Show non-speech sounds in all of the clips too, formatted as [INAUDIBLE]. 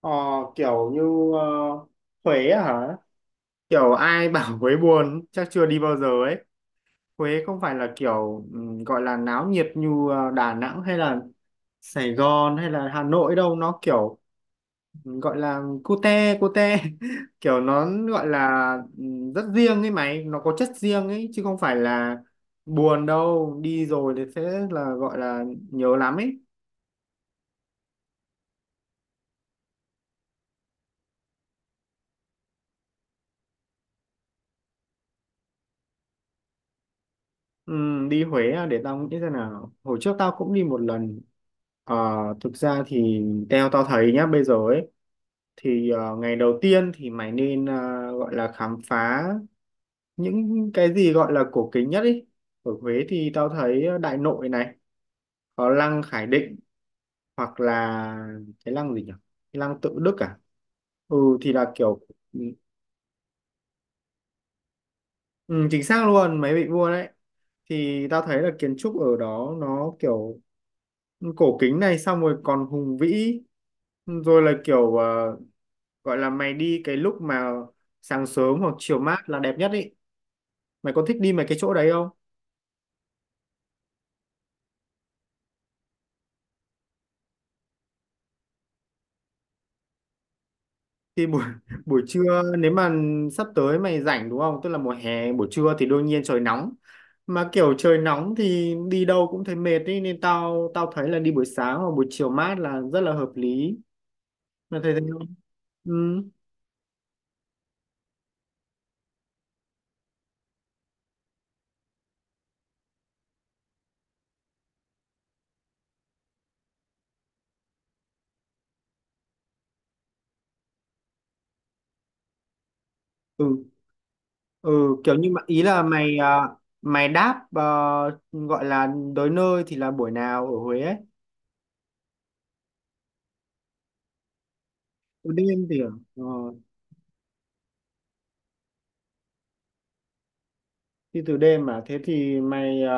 Ờ, kiểu như ờ, Huế á hả? Kiểu ai [LAUGHS] bảo Huế buồn chắc chưa đi bao giờ ấy. Huế không phải là kiểu gọi là náo nhiệt như Đà Nẵng hay là Sài Gòn hay là Hà Nội đâu. Nó kiểu gọi là cute cute [LAUGHS] kiểu nó gọi là rất riêng ấy mày. Nó có chất riêng ấy chứ không phải là buồn đâu. Đi rồi thì sẽ là gọi là nhớ lắm ấy. Đi Huế à, để tao nghĩ xem nào. Hồi trước tao cũng đi một lần. Ờ, thực ra thì theo tao thấy nhá bây giờ ấy thì ngày đầu tiên thì mày nên gọi là khám phá những cái gì gọi là cổ kính nhất ý. Ở Huế thì tao thấy Đại Nội này, có lăng Khải Định hoặc là cái lăng gì nhỉ? Cái lăng Tự Đức à? Ừ thì là kiểu. Ừ, ừ, chính xác luôn, mày bị mua đấy. Thì tao thấy là kiến trúc ở đó nó kiểu cổ kính này, xong rồi còn hùng vĩ. Rồi là kiểu gọi là mày đi cái lúc mà sáng sớm hoặc chiều mát là đẹp nhất ý. Mày có thích đi mấy cái chỗ đấy không? Thì buổi [LAUGHS] buổi trưa nếu mà sắp tới mày rảnh đúng không? Tức là mùa hè buổi trưa thì đương nhiên trời nóng, mà kiểu trời nóng thì đi đâu cũng thấy mệt ý, nên tao tao thấy là đi buổi sáng hoặc buổi chiều mát là rất là hợp lý. Mày thấy thế không? Ừ, ừ, ừ, kiểu như mà ý là mày đáp gọi là tới nơi thì là buổi nào ở Huế ấy. Đêm thì ở, ờ, đi từ đêm mà thế thì mày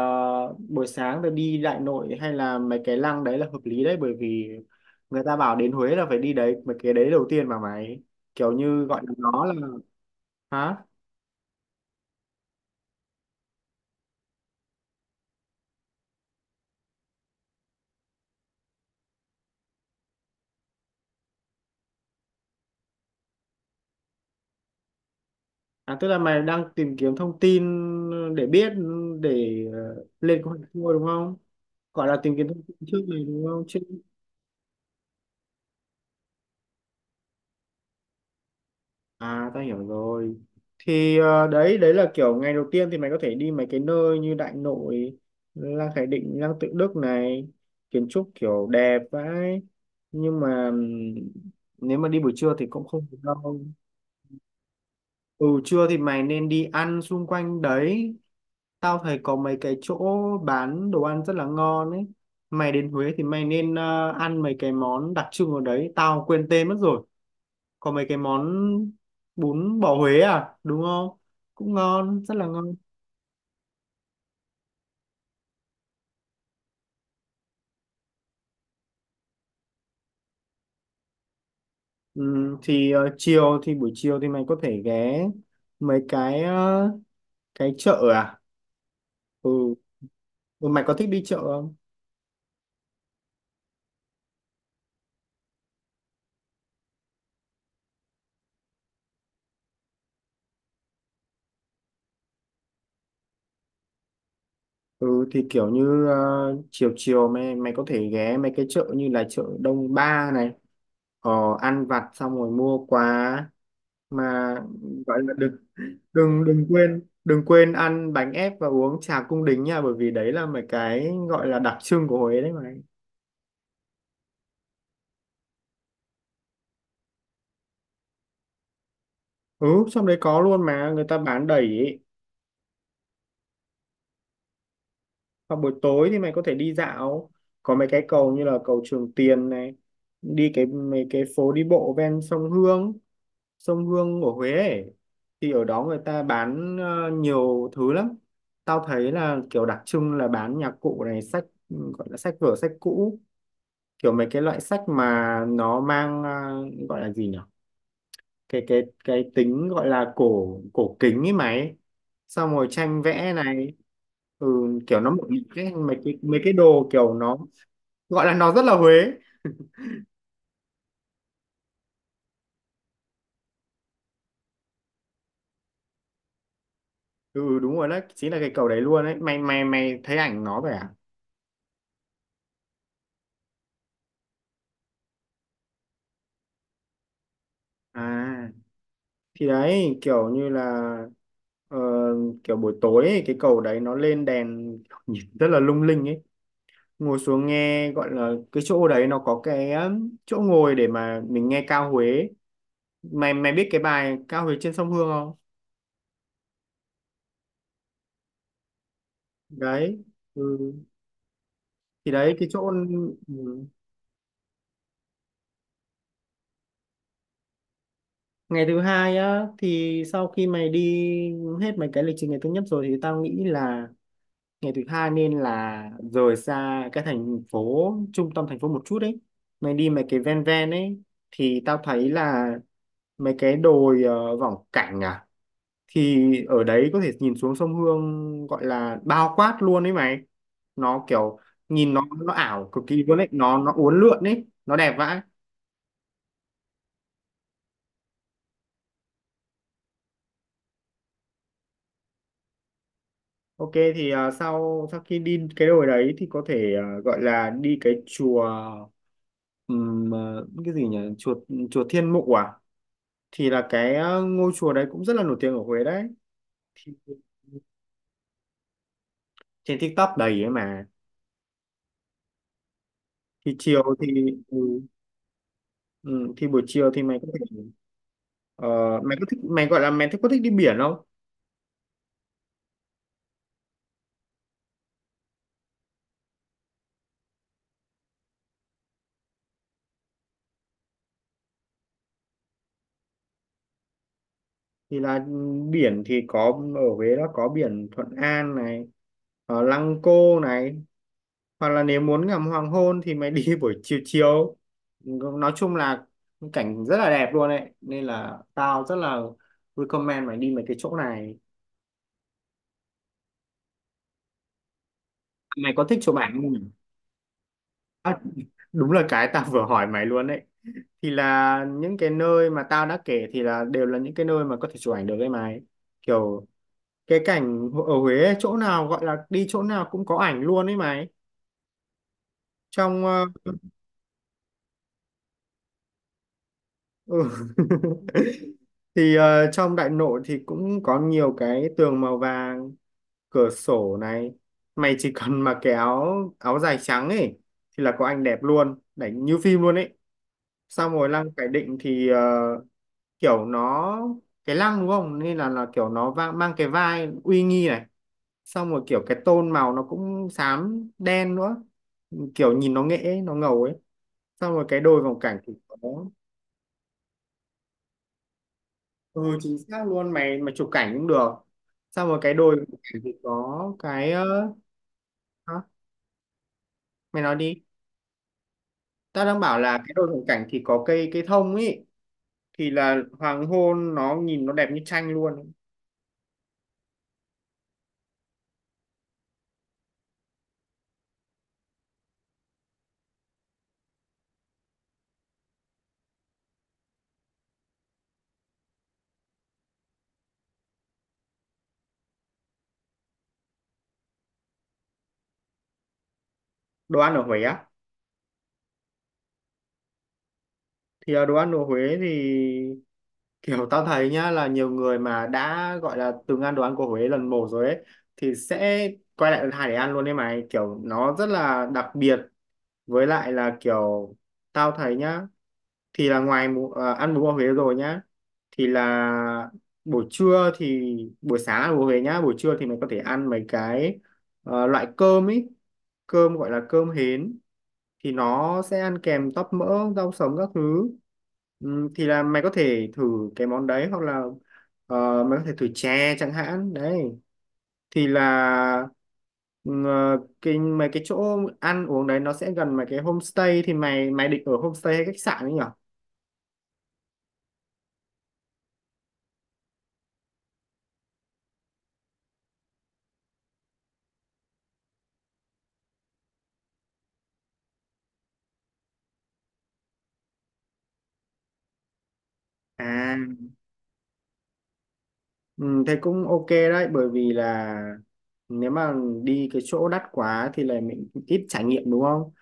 buổi sáng rồi đi Đại Nội hay là mấy cái lăng đấy là hợp lý đấy, bởi vì người ta bảo đến Huế là phải đi đấy mấy cái đấy đầu tiên mà mày, kiểu như gọi là nó là. Hả? À, tức là mày đang tìm kiếm thông tin để biết, để lên kế hoạch tour đúng không? Gọi là tìm kiếm thông tin trước này đúng không chứ? À, tao hiểu rồi. Thì đấy đấy là kiểu ngày đầu tiên thì mày có thể đi mấy cái nơi như Đại Nội, Lăng Khải Định, Lăng Tự Đức này, kiến trúc kiểu đẹp vãi. Nhưng mà nếu mà đi buổi trưa thì cũng không được đâu. Ừ, trưa thì mày nên đi ăn xung quanh đấy. Tao thấy có mấy cái chỗ bán đồ ăn rất là ngon ấy. Mày đến Huế thì mày nên ăn mấy cái món đặc trưng ở đấy. Tao quên tên mất rồi, có mấy cái món bún bò Huế à đúng không? Cũng ngon, rất là ngon. Ừ, thì chiều thì buổi chiều thì mày có thể ghé mấy cái cái chợ à. Ừ. Ừ, mày có thích đi chợ không? Ừ, thì kiểu như chiều chiều mày mày có thể ghé mấy cái chợ như là chợ Đông Ba này, ờ, ăn vặt xong rồi mua quà mà, gọi là được. Đừng đừng quên đừng quên ăn bánh ép và uống trà cung đính nha, bởi vì đấy là mấy cái gọi là đặc trưng của Huế đấy mày. Ừ, trong đấy có luôn mà, người ta bán đầy ý. Hoặc buổi tối thì mày có thể đi dạo, có mấy cái cầu như là cầu Trường Tiền này, đi cái mấy cái phố đi bộ ven sông Hương, sông Hương của Huế ấy. Thì ở đó người ta bán nhiều thứ lắm. Tao thấy là kiểu đặc trưng là bán nhạc cụ này, sách, gọi là sách vở sách cũ, kiểu mấy cái loại sách mà nó mang, gọi là gì nhỉ, cái tính gọi là cổ cổ kính ấy mày, xong rồi tranh vẽ này. Ừ, kiểu nó một cái mấy cái đồ kiểu nó gọi là nó rất là Huế. Ừ đúng rồi, đó chính là cái cầu đấy luôn đấy mày mày mày thấy ảnh nó vậy à. À, thì đấy kiểu như là ờ, kiểu buổi tối ấy, cái cầu đấy nó lên đèn [LAUGHS] nhìn rất là lung linh ấy. Ngồi xuống nghe, gọi là cái chỗ đấy nó có cái chỗ ngồi để mà mình nghe ca Huế. Mày mày biết cái bài ca Huế trên sông Hương không? Đấy. Ừ. Thì đấy cái chỗ. Ừ. Ngày thứ hai á thì sau khi mày đi hết mấy cái lịch trình ngày thứ nhất rồi thì tao nghĩ là ngày thứ hai nên là rời xa cái thành phố, trung tâm thành phố một chút đấy, mày đi mấy cái ven ven ấy. Thì tao thấy là mấy cái đồi Võng Cảnh à, thì ở đấy có thể nhìn xuống sông Hương, gọi là bao quát luôn ấy mày. Nó kiểu nhìn nó ảo cực kỳ luôn ấy, nó uốn lượn ấy, nó đẹp vãi. OK thì sau sau khi đi cái đồi đấy thì có thể gọi là đi cái chùa ừm, à, cái gì nhỉ, chùa chùa Thiên Mụ à, thì là cái ngôi chùa đấy cũng rất là nổi tiếng ở Huế đấy. Thì trên TikTok đầy ấy mà. Thì chiều thì ừ, ừ, thì buổi chiều thì ờ, mày có thích, mày gọi là mày thích, có thích đi biển không? Thì là biển thì có ở Huế đó, có biển Thuận An này, ở Lăng Cô này, hoặc là nếu muốn ngắm hoàng hôn thì mày đi [LAUGHS] buổi chiều chiều. Nói chung là cảnh rất là đẹp luôn đấy nên là tao rất là recommend mày đi mấy cái chỗ này. Mày có thích chụp ảnh không nhỉ? À, [LAUGHS] đúng là cái tao vừa hỏi mày luôn đấy. Thì là những cái nơi mà tao đã kể thì là đều là những cái nơi mà có thể chụp ảnh được với mày, kiểu cái cảnh ở Huế ấy, chỗ nào gọi là đi chỗ nào cũng có ảnh luôn ấy mày. Trong ừ. [LAUGHS] Thì trong Đại Nội thì cũng có nhiều cái tường màu vàng, cửa sổ này, mày chỉ cần mà cái áo áo dài trắng ấy thì là có ảnh đẹp luôn, đánh như phim luôn ấy. Xong rồi lăng Khải Định thì kiểu nó cái lăng đúng không nên là kiểu nó mang cái vai uy nghi này, xong rồi kiểu cái tôn màu nó cũng xám đen nữa, kiểu nhìn nó nghệ nó ngầu ấy. Xong rồi cái đôi vòng cảnh thì có. Ừ chính xác luôn mày, mà chụp cảnh cũng được. Xong rồi cái đôi vòng cảnh thì có cái hả? Mày nói đi. Tao đang bảo là cái đôi vòng cảnh thì có cây cây thông ấy, thì là hoàng hôn nó nhìn nó đẹp như tranh luôn. Đồ ăn ở Huế á? Thì đồ ăn của Huế thì kiểu tao thấy nhá là nhiều người mà đã gọi là từng ăn đồ ăn của Huế lần một rồi ấy thì sẽ quay lại lần hai để ăn luôn đấy mày, kiểu nó rất là đặc biệt. Với lại là kiểu tao thấy nhá, thì là ngoài ăn bún bò Huế rồi nhá, thì là buổi trưa thì buổi sáng ăn bún bò Huế nhá, buổi trưa thì mày có thể ăn mấy cái loại cơm ấy, cơm gọi là cơm hến, thì nó sẽ ăn kèm tóp mỡ rau sống các thứ. Thì là mày có thể thử cái món đấy hoặc là mày có thể thử chè chẳng hạn đấy. Thì là cái mấy cái chỗ ăn uống đấy nó sẽ gần mấy cái homestay, thì mày mày định ở homestay hay khách sạn ấy nhỉ? À thế cũng ok đấy, bởi vì là nếu mà đi cái chỗ đắt quá thì là mình ít trải nghiệm đúng không?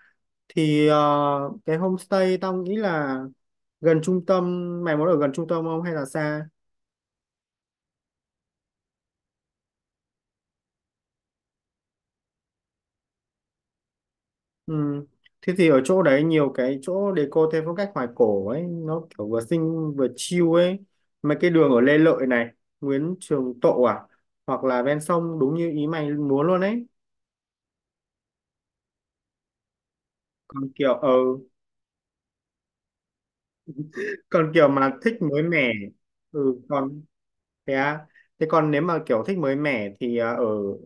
Thì cái homestay tao nghĩ là gần trung tâm, mày muốn ở gần trung tâm không hay là xa? Ừ. Thế thì ở chỗ đấy nhiều cái chỗ deco theo phong cách hoài cổ ấy, nó kiểu vừa xinh vừa chill ấy, mấy cái đường ở Lê Lợi này, Nguyễn Trường Tộ à, hoặc là ven sông đúng như ý mày muốn luôn ấy. Còn kiểu còn kiểu mà thích mới mẻ. Ừ còn. Thế à? Thế còn nếu mà kiểu thích mới mẻ thì ở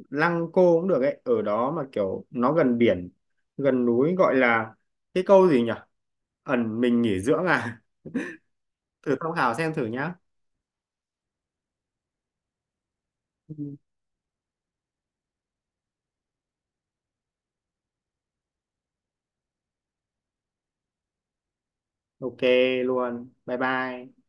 Lăng Cô cũng được ấy, ở đó mà kiểu nó gần biển, gần núi, gọi là cái câu gì nhỉ? Ẩn mình nghỉ dưỡng à? [LAUGHS] Thử tham khảo xem thử nhá. Ừ. Ok luôn. Bye bye.